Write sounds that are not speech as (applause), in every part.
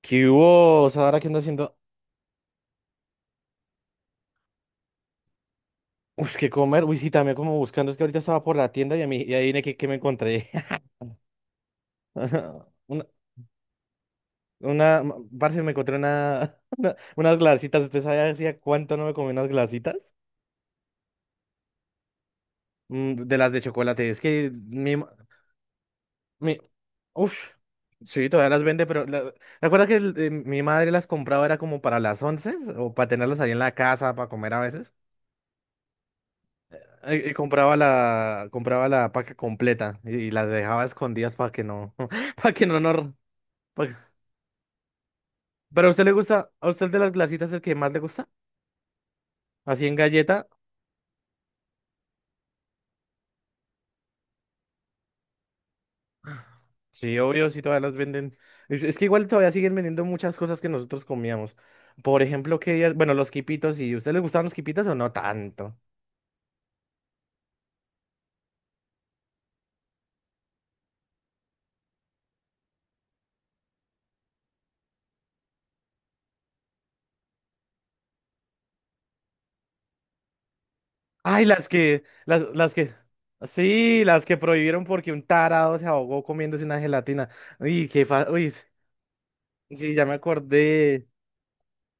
¿Qué hubo, Sara? ¿Qué ando haciendo? Uy, ¿qué comer? Uy, sí, también como buscando. Es que ahorita estaba por la tienda y adivine que qué me encontré. (laughs) Ajá. Una, parce, me encontré (laughs) unas glacitas. ¿Usted sabe hacía cuánto no me comí unas glacitas? Mm, de las de chocolate. Es que mi, ma- mi, uf, sí, todavía las vende, pero ¿te acuerdas que mi madre las compraba era como para las once o para tenerlas ahí en la casa, para comer a veces? Compraba la paca completa y las dejaba escondidas para que no, (laughs) para que no. Pero a usted le gusta, a usted de las glacitas el que más le gusta, así en galleta. Sí, obvio, sí, todavía las venden. Es que igual todavía siguen vendiendo muchas cosas que nosotros comíamos. Por ejemplo, los quipitos. ¿Y a usted le gustaban los quipitos o no tanto? Ay, las que... Sí, las que prohibieron porque un tarado se ahogó comiéndose una gelatina. Uy, qué fa, uy, sí, ya me acordé.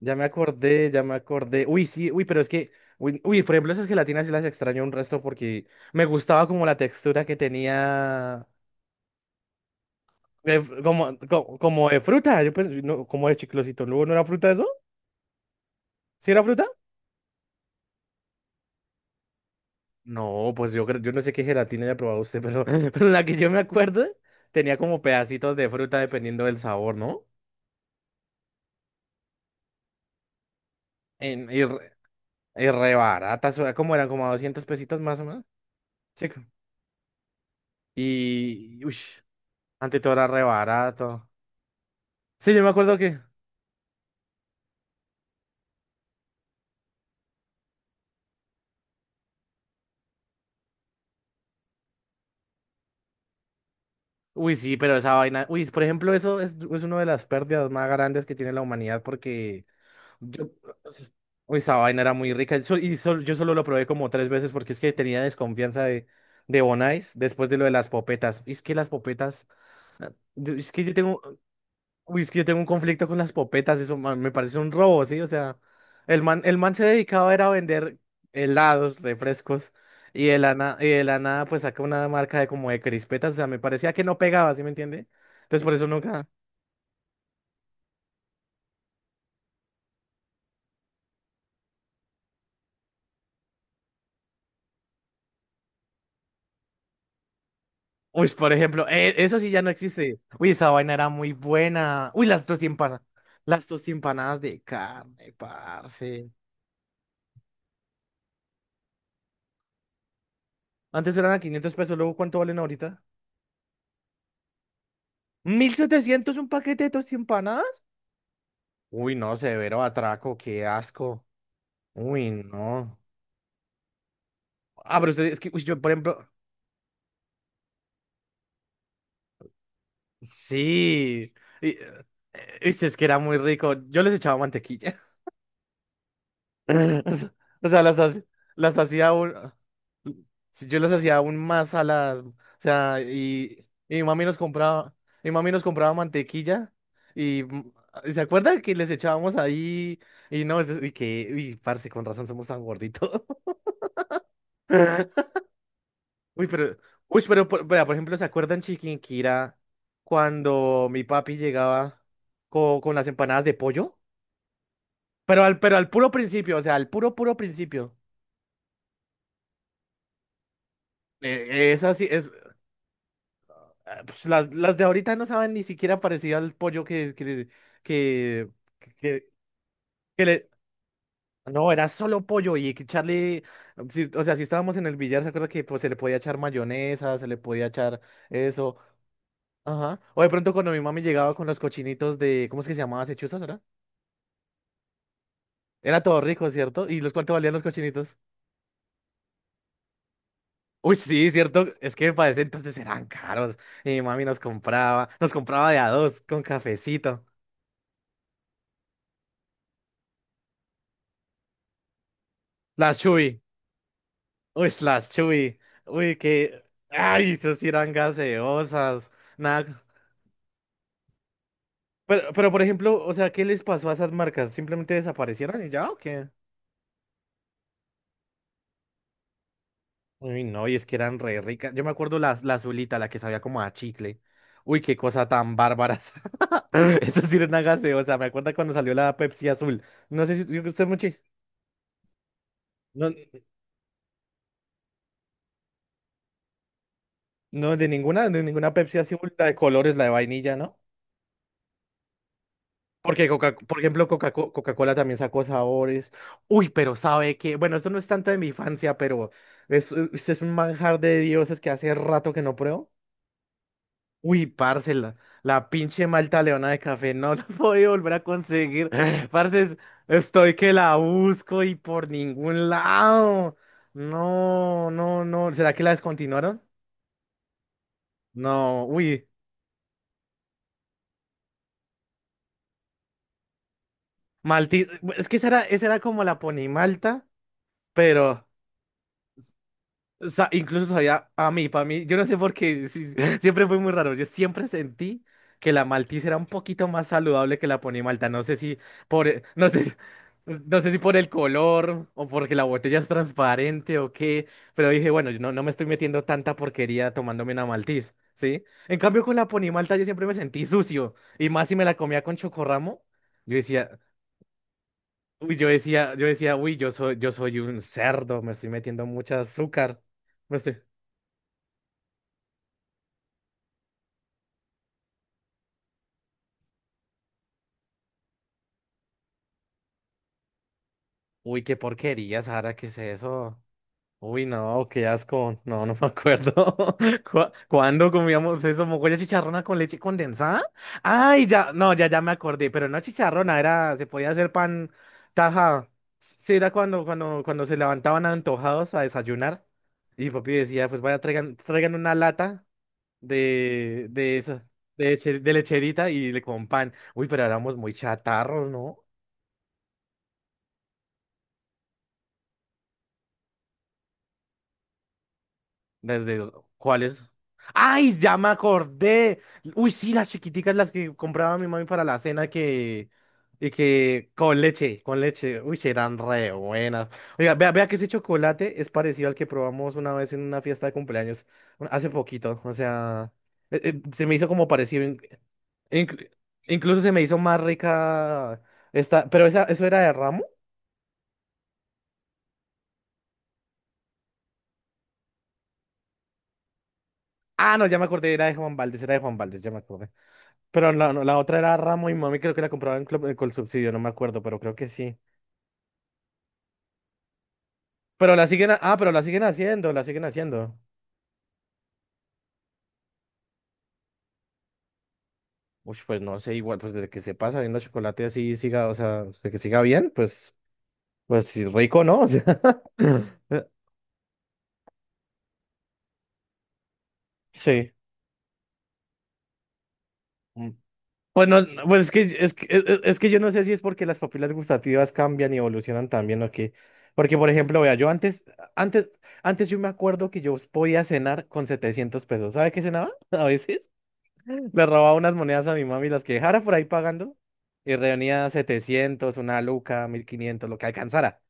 Ya me acordé. Uy, sí. uy, pero es que, uy, uy, por ejemplo, esas gelatinas sí las extraño un resto porque me gustaba como la textura que tenía, de fr- como, co- como, de fruta. No, como de chiclosito. ¿No no era fruta eso? ¿Sí era fruta? No, pues yo creo, yo no sé qué gelatina haya probado usted, pero (laughs) pero la que yo me acuerdo tenía como pedacitos de fruta dependiendo del sabor, ¿no? En, y, re, y re baratas, o como eran como 200 pesitos más o menos. Sí. Y, uy, ante todo era re barato. Sí, yo me acuerdo que... Uy, sí, pero esa vaina. Uy, por ejemplo, es una de las pérdidas más grandes que tiene la humanidad porque... Yo... Uy, esa vaina era muy rica. Yo solo lo probé como tres veces porque es que tenía desconfianza de Bonais después de lo de las popetas. Y es que las popetas... Es que yo tengo... Uy, es que yo tengo un conflicto con las popetas. Eso, man, me parece un robo, ¿sí? O sea, el man se dedicaba era a vender helados, refrescos, y y de la nada pues saca una marca de como de crispetas. O sea, me parecía que no pegaba, ¿sí me entiende? Entonces por eso nunca... Uy, por ejemplo, eso sí ya no existe. Uy, esa vaina era muy buena. Las tostempanadas de carne, parce. Antes eran a 500 pesos, luego ¿cuánto valen ahorita? ¿1.700 un paquete de tostempanadas? Uy, no, severo atraco, qué asco. Uy, no. Ah, pero usted, es que, uy, yo, por ejemplo, sí. Y, eh, sí, es que era muy rico. Yo les echaba mantequilla. (laughs) O sea, las hacía aún, sí, yo las hacía aún más a las, sea, y, y mi mami nos compraba, Mi mami nos compraba mantequilla y, ¿se acuerda que les echábamos ahí? Y no, eso- y que, Uy, parce, con razón somos tan gorditos. (laughs) Uy, pero, Vea, por ejemplo, ¿se acuerdan Chiquinquirá cuando mi papi llegaba con las empanadas de pollo? Pero al puro principio. O sea, al puro, puro principio. Es así, es, ah, pues, Las de ahorita no saben ni siquiera parecido al pollo que, que, que le... No, era solo pollo y que echarle. Si estábamos en el billar, ¿se acuerda que pues se le podía echar mayonesa, se le podía echar eso? Ajá. O de pronto cuando mi mami llegaba con los cochinitos de... ¿Cómo es que se llamaba ese era? Era todo rico, ¿cierto? ¿Y los cuánto valían los cochinitos? Uy, sí, cierto. Es que para ese entonces eran caros. Y mi mami nos compraba, Nos compraba de a dos con cafecito. Las Chuy. Uy, las Chuy. Uy, que. Ay, esas sí eran gaseosas. Nada. Por ejemplo, o sea, ¿qué les pasó a esas marcas? ¿Simplemente desaparecieron y ya o qué? Uy, no, y es que eran re ricas. Yo me acuerdo la azulita, la que sabía como a chicle. Uy, qué cosa tan bárbara. (laughs) Esa. Eso sí era una gaseosa. Me acuerdo cuando salió la Pepsi azul. No sé si usted mucho. No, no, De ninguna, de ninguna Pepsi azul, la de colores, la de vainilla, ¿no? Porque Coca, por ejemplo, Coca-Cola también sacó sabores. Uy, pero sabe que, bueno, esto no es tanto de mi infancia, pero es un manjar de dioses que hace rato que no pruebo. Uy, parce, la pinche Malta Leona de café no la (laughs) voy a volver a conseguir. (laughs) Parce, estoy que la busco y por ningún lado. No, no, no. ¿Será que la descontinuaron? No, uy. Malti, es que esa era como la Pony Malta, pero... O sea, incluso sabía a mí, para mí, yo no sé por qué, sí, siempre fue muy raro. Yo siempre sentí que la Maltiza era un poquito más saludable que la Pony Malta. No sé si no sé, no sé si por el color o porque la botella es transparente o qué, pero dije, bueno, yo no me estoy metiendo tanta porquería tomándome una Maltiz, ¿sí? En cambio, con la Pony Malta yo siempre me sentí sucio y más si me la comía con Chocorramo. yo decía, yo decía, uy, yo soy un cerdo, me estoy metiendo mucha azúcar. Me estoy... Uy, qué porquería, Sara, ¿qué es eso? Uy, no, qué asco. No, no me acuerdo. (laughs) ¿Cuándo comíamos eso? ¿Mogolla chicharrona con leche condensada? Ay, ya, no, ya, ya me acordé, pero no chicharrona, era, se podía hacer pan tajado. Sí, era cuando, cuando se levantaban antojados a desayunar. Y papi decía, pues vaya, traigan una lata de esa, de lecherita y le con pan. Uy, pero éramos muy chatarros, ¿no? Desde... ¿Cuáles? ¡Ay, ya me acordé! Uy, sí, las chiquiticas, las que compraba mi mami para la cena que... Y que con leche, con leche. Uy, sí, eran re buenas. Oiga, vea que ese chocolate es parecido al que probamos una vez en una fiesta de cumpleaños, hace poquito. O sea, se me hizo como parecido. Inclu- Incluso se me hizo más rica esta, pero esa, ¿eso era de Ramo? Ah, no, ya me acordé, era de Juan Valdez, era de Juan Valdez, ya me acordé. Pero la, no, la otra era Ramo y Mami, creo que la compraban con el subsidio, no me acuerdo, pero creo que sí. Ah, pero la siguen haciendo, la siguen haciendo. Uy, pues no sé, igual, pues desde que se pasa viendo chocolate así siga, o sea, de que siga bien, pues, pues sí, rico, ¿no? O sea, (laughs) sí. Mm. Pues no, no, pues es que, es que yo no sé si es porque las papilas gustativas cambian y evolucionan también o qué. Porque, por ejemplo, vea, antes, antes yo me acuerdo que yo podía cenar con 700 pesos. ¿Sabe qué cenaba (laughs) a veces? Le robaba unas monedas a mi mami, las que dejara por ahí pagando, y reunía 700, una luca, 1.500, lo que alcanzara.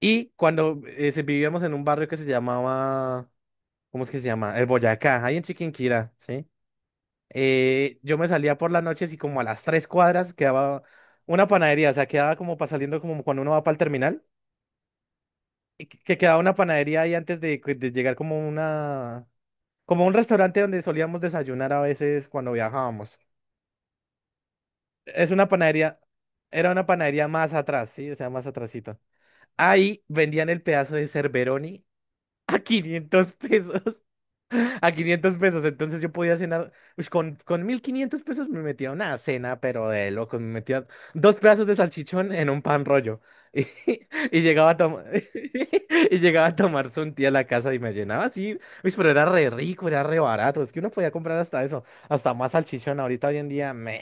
Y cuando vivíamos en un barrio que se llamaba... ¿Cómo es que se llama? El Boyacá, ahí en Chiquinquirá, ¿sí? Yo me salía por las noches y como a las tres cuadras quedaba una panadería. O sea, quedaba como para saliendo como cuando uno va para el terminal, y que quedaba una panadería ahí antes de llegar como una, como un restaurante donde solíamos desayunar a veces cuando viajábamos. Es una panadería, Era una panadería más atrás, sí, o sea, más atrasito. Ahí vendían el pedazo de Cerberoni (laughs) a 500 pesos. (laughs) A 500 pesos. Entonces yo podía cenar, ush, con 1.500 pesos me metía una cena, pero de locos, me metía dos pedazos de salchichón en un pan rollo. (laughs) Y, y llegaba a tomar (laughs) y llegaba a tomarse un día a la casa y me llenaba así. Uy, pero era re rico, era re barato, es que uno podía comprar hasta eso, hasta más salchichón ahorita hoy en día, me...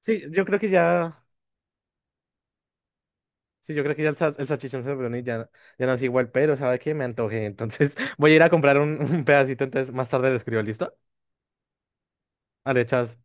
Sí, yo creo que ya... Sí, yo creo que ya el salchichón Sofroni ya, ya no es igual. Pero ¿sabes qué? Me antojé. Entonces (laughs) voy a ir a comprar un pedacito, entonces más tarde le escribo, ¿listo? Ah, le echas...